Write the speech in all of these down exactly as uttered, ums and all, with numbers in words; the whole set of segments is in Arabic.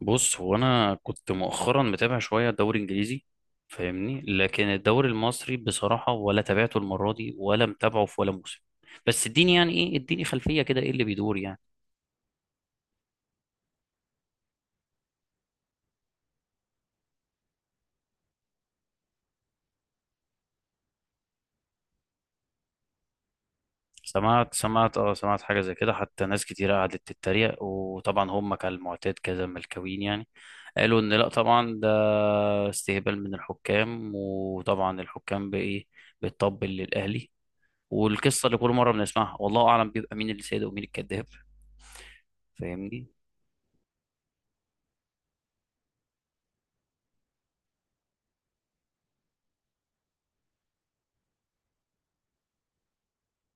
بص هو انا كنت مؤخرا متابع شويه الدوري الانجليزي، فاهمني. لكن الدوري المصري بصراحه ولا تابعته المره دي ولا متابعه في ولا موسم. بس اديني يعني ايه، اديني خلفيه كده، ايه اللي بيدور يعني؟ سمعت سمعت اه سمعت حاجه زي كده، حتى ناس كتير قعدت تتريق، وطبعا هم كالمعتاد كذا ملكوين يعني. قالوا ان لا طبعا ده استهبال من الحكام، وطبعا الحكام بايه، بتطبل للاهلي، والقصه اللي كل مره بنسمعها، والله اعلم بيبقى مين اللي سيد ومين الكذاب. فاهمني.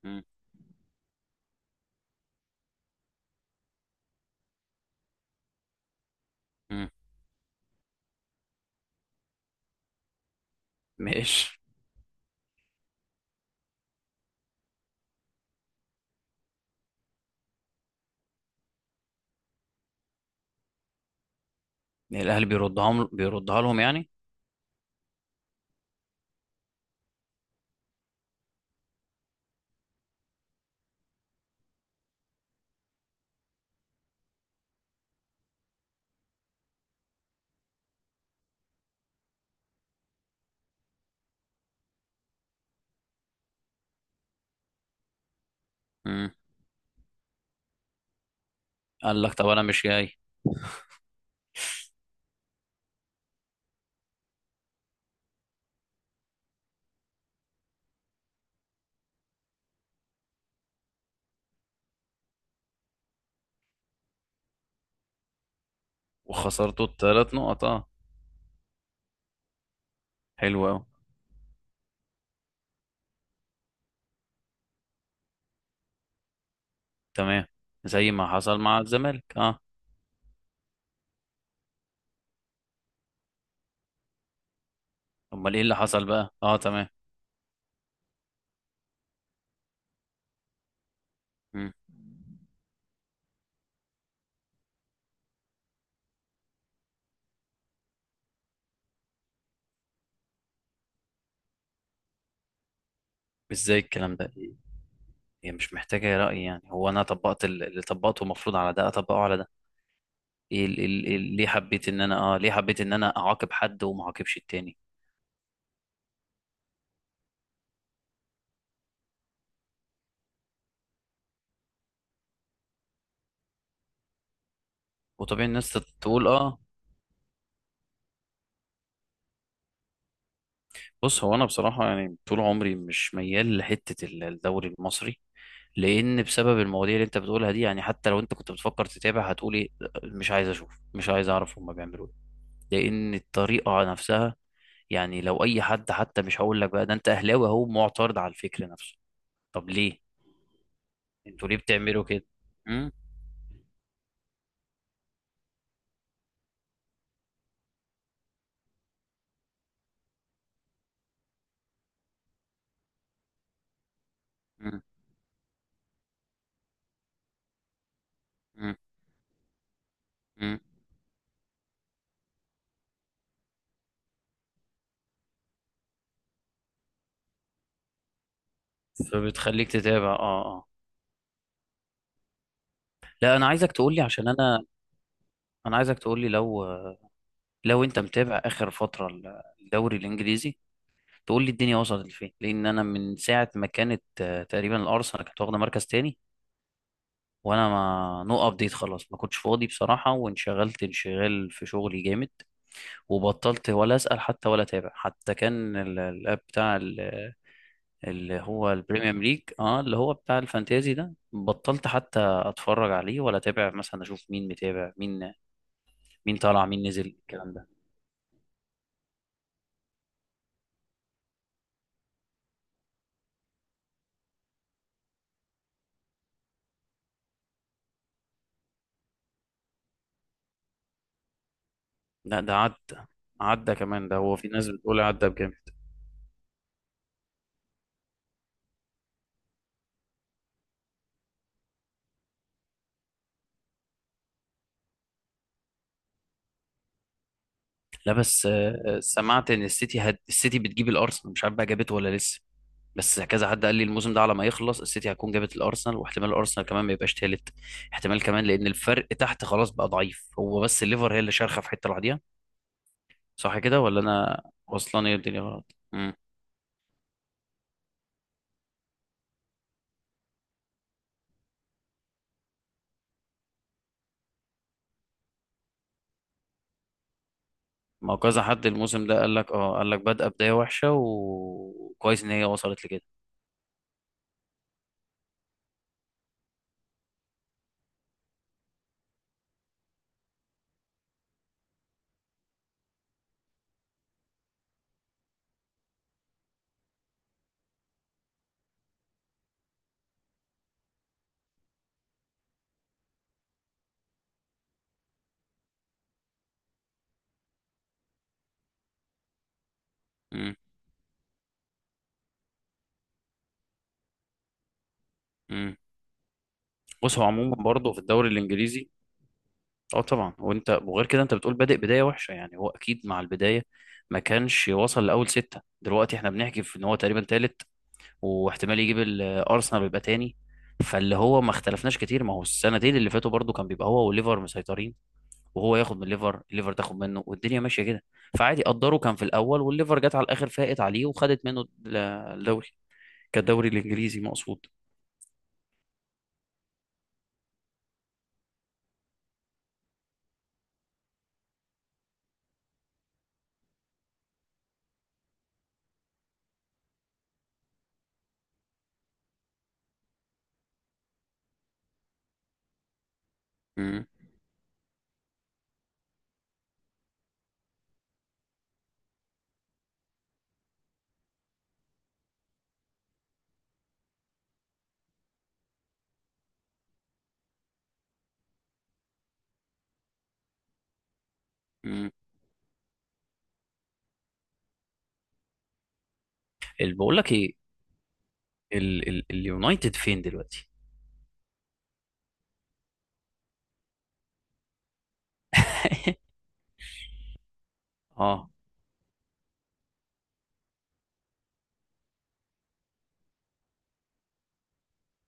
مم. مم. ماشي. الاهلي بيردها لهم بيردها لهم يعني؟ مم. قال لك طب انا مش جاي. وخسرته الثلاث نقط، اه. حلو قوي. تمام. زي ما حصل مع الزمالك، اه. امال ايه اللي حصل بقى؟ اه، تمام. مم. ازاي الكلام ده؟ هي مش محتاجه رأي يعني. هو انا طبقت ال- اللي طبقته المفروض على ده اطبقه على ده. ايه ال- ال- ال- ليه حبيت ان انا اه ليه حبيت ان انا اعاقب حد وما اعاقبش التاني؟ وطبيعي الناس تت- تقول اه. بص هو انا بصراحه يعني طول عمري مش ميال لحته ال- الدوري المصري، لان بسبب المواضيع اللي انت بتقولها دي يعني. حتى لو انت كنت بتفكر تتابع هتقول ايه "لأ، مش عايز اشوف، مش عايز اعرف هما بيعملوا ايه". لان الطريقه نفسها يعني. لو اي حد، حتى مش هقول لك بقى ده انت اهلاوي، اهو معترض على الفكر نفسه. طب ليه؟ انتوا ليه بتعملوا كده؟ امم امم امم أمم. فبتخليك تتابع، اه اه. لا انا عايزك تقول لي عشان انا، انا عايزك تقول لي لو، لو انت متابع اخر فتره الدوري الانجليزي، تقول لي الدنيا وصلت لفين. لان انا من ساعه ما كانت آه، تقريبا الارسنال كانت واخده مركز تاني، وانا ما نو ابديت خلاص ما كنتش فاضي بصراحه وانشغلت انشغال في شغلي جامد، وبطلت ولا اسال حتى ولا اتابع. حتى كان ال- الاب بتاع ال- اللي هو البريمير ليج، اه، اللي هو بتاع الفانتازي ده، بطلت حتى اتفرج عليه، ولا اتابع مثلا اشوف مين متابع مين، مين طالع مين نزل، الكلام ده. لا ده عدى، عدى كمان ده. هو في ناس بتقول عدى بجد. لا بس آه، آه، سمعت ان السيتي هد... السيتي بتجيب الارسنال، مش عارف بقى جابته ولا لسه. بس كذا حد قال لي الموسم ده على ما يخلص السيتي هتكون جابت الارسنال، واحتمال الارسنال كمان ما يبقاش تالت، احتمال كمان، لان الفرق تحت خلاص بقى ضعيف. هو بس الليفر هي اللي شارخه في حته لوحديها. صح كده ولا انا وصلان ايه الدنيا غلط؟ امم ما هو كذا حد الموسم ده قال لك، اه قال لك بادئه بدايه وحشه و- وكويس ان هي وصلت لكده. امم امم بص هو عموما برضه في الدوري الانجليزي، اه طبعا. وانت وغير كده انت بتقول بادئ بدايه وحشه، يعني هو اكيد مع البدايه ما كانش وصل لاول سته. دلوقتي احنا بنحكي في ان هو تقريبا تالت واحتمال يجيب الارسنال ويبقى تاني. فاللي هو ما اختلفناش كتير، ما هو السنتين اللي فاتوا برضو كان بيبقى هو والليفر مسيطرين، وهو ياخد من الليفر، الليفر تاخد منه، والدنيا ماشيه كده. فعادي قدره كان في الاول، والليفر جت على الاخر فاقت عليه وخدت منه ال- الدوري، كالدوري الانجليزي مقصود. امم امم بقول لك ايه، ال- ال- اليونايتد فين دلوقتي؟ اه،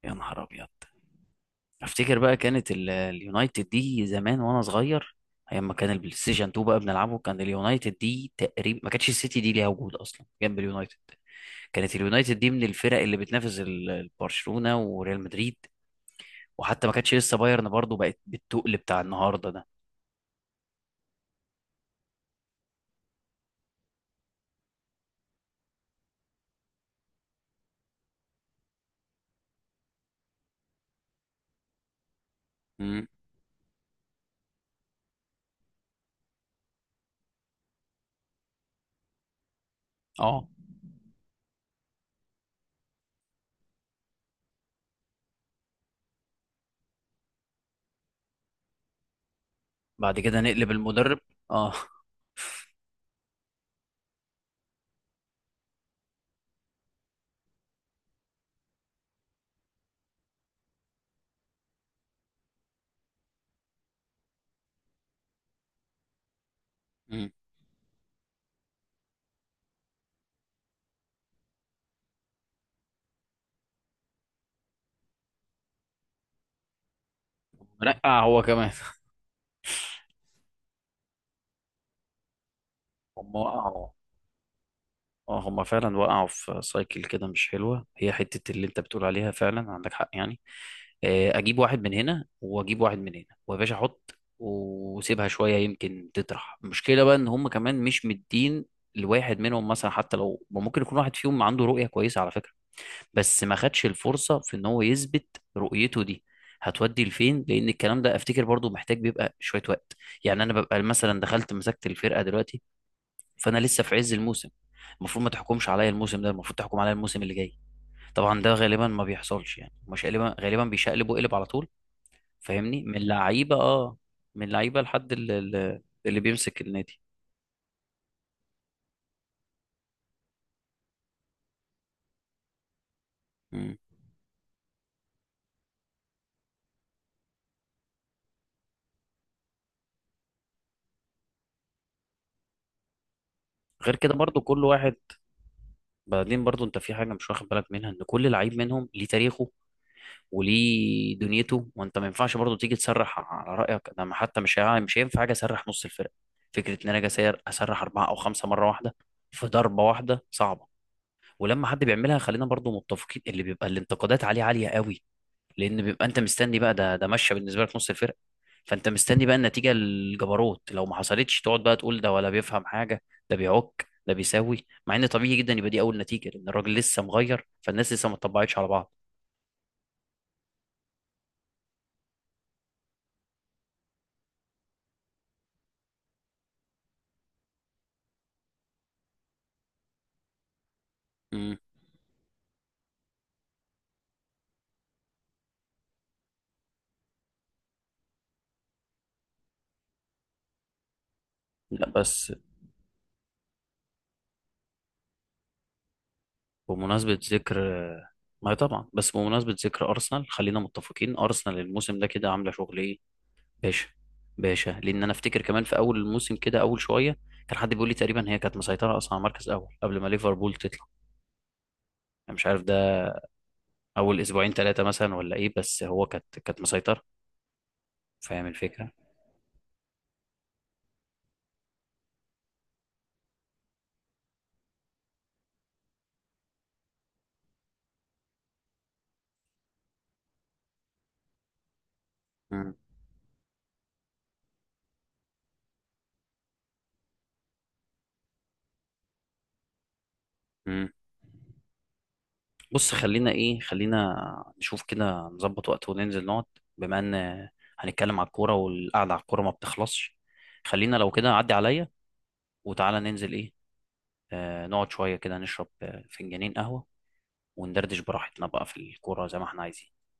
يا نهار ابيض. افتكر بقى كانت ال- اليونايتد دي زمان وانا صغير، ايام ما كان البلاي ستيشن اتنين بقى بنلعبه، كان اليونايتد دي تقريبا ما كانتش السيتي دي ليها وجود اصلا جنب اليونايتد. كانت اليونايتد دي من الفرق اللي بتنافس ال- ال- برشلونة وريال مدريد، وحتى ما كانتش لسه بايرن برضو بقت بالتقل بتاع النهارده ده. امم اه. بعد كده نقلب المدرب. اه. امم نقع هو كمان. هم وقعوا، اه. هم فعلا وقعوا في سايكل كده مش حلوة، هي حتة اللي انت بتقول عليها فعلا عندك حق يعني. آه، اجيب واحد من هنا واجيب واحد من هنا ويا باشا احط وسيبها شويه يمكن تطرح. المشكله بقى ان هم كمان مش مدين لواحد منهم مثلا. حتى لو ممكن يكون واحد فيهم عنده رؤيه كويسه على فكره، بس ما خدش الفرصه في ان هو يثبت رؤيته دي هتودي لفين، لان الكلام ده افتكر برضو محتاج بيبقى شويه وقت. يعني انا ببقى مثلا دخلت مسكت الفرقه دلوقتي، فانا لسه في عز الموسم، المفروض ما تحكمش عليا الموسم ده، المفروض تحكم عليا الموسم اللي جاي. طبعا ده غالبا ما بيحصلش يعني، مش غالبا، غالبا بيشقلب وقلب على طول. فاهمني؟ من لعيبه، اه، من لعيبه لحد اللي، اللي بيمسك النادي. مم. غير كده برضو كل واحد، بعدين برضو انت في حاجه مش واخد بالك منها، ان كل لعيب منهم ليه تاريخه وليه دنيته، وانت ما ينفعش برضو تيجي تسرح على رايك. انا ما- حتى مش هيع- مش هينفع حاجه اسرح نص الفرقه. فكره ان انا اجي أسير- اسرح اربعه او خمسه مره واحده في ضربه واحده صعبه. ولما حد بيعملها خلينا برضو متفقين اللي بيبقى الانتقادات عليه عاليه قوي، لان بيبقى انت مستني بقى، ده ده ماشيه بالنسبه لك نص الفرقه، فانت مستني بقى النتيجه الجبروت، لو ما حصلتش تقعد بقى تقول ده ولا بيفهم حاجه، ده بيعك، ده بيساوي، مع ان طبيعي جدا يبقى دي اول نتيجه، لان الراجل لسه مغير، فالناس لسه ما اتطبعتش على بعض. امم لا بس بمناسبه ذكر، ما طبعا بس بمناسبه ذكر ارسنال، خلينا متفقين ارسنال الموسم ده كده عامله شغل ايه باشا؟ باشا، لان انا افتكر كمان في اول الموسم كده اول شويه كان حد بيقول لي تقريبا هي كانت مسيطره اصلا على المركز الاول قبل ما ليفربول تطلع. انا مش عارف، اول اسبوعين ثلاثه مثلا ولا ايه، بس هو كانت كانت مسيطر. فاهم الفكره؟ مم. مم. بص خلينا ايه، خلينا نشوف كده نظبط وقت وننزل نقعد، بما ان هنتكلم على الكوره والقعده على الكوره ما بتخلصش. خلينا لو كده عدي عليا وتعالى ننزل، ايه، آه، نقعد شويه كده، نشرب آه، فنجانين قهوه وندردش براحتنا بقى في الكوره زي ما احنا عايزين.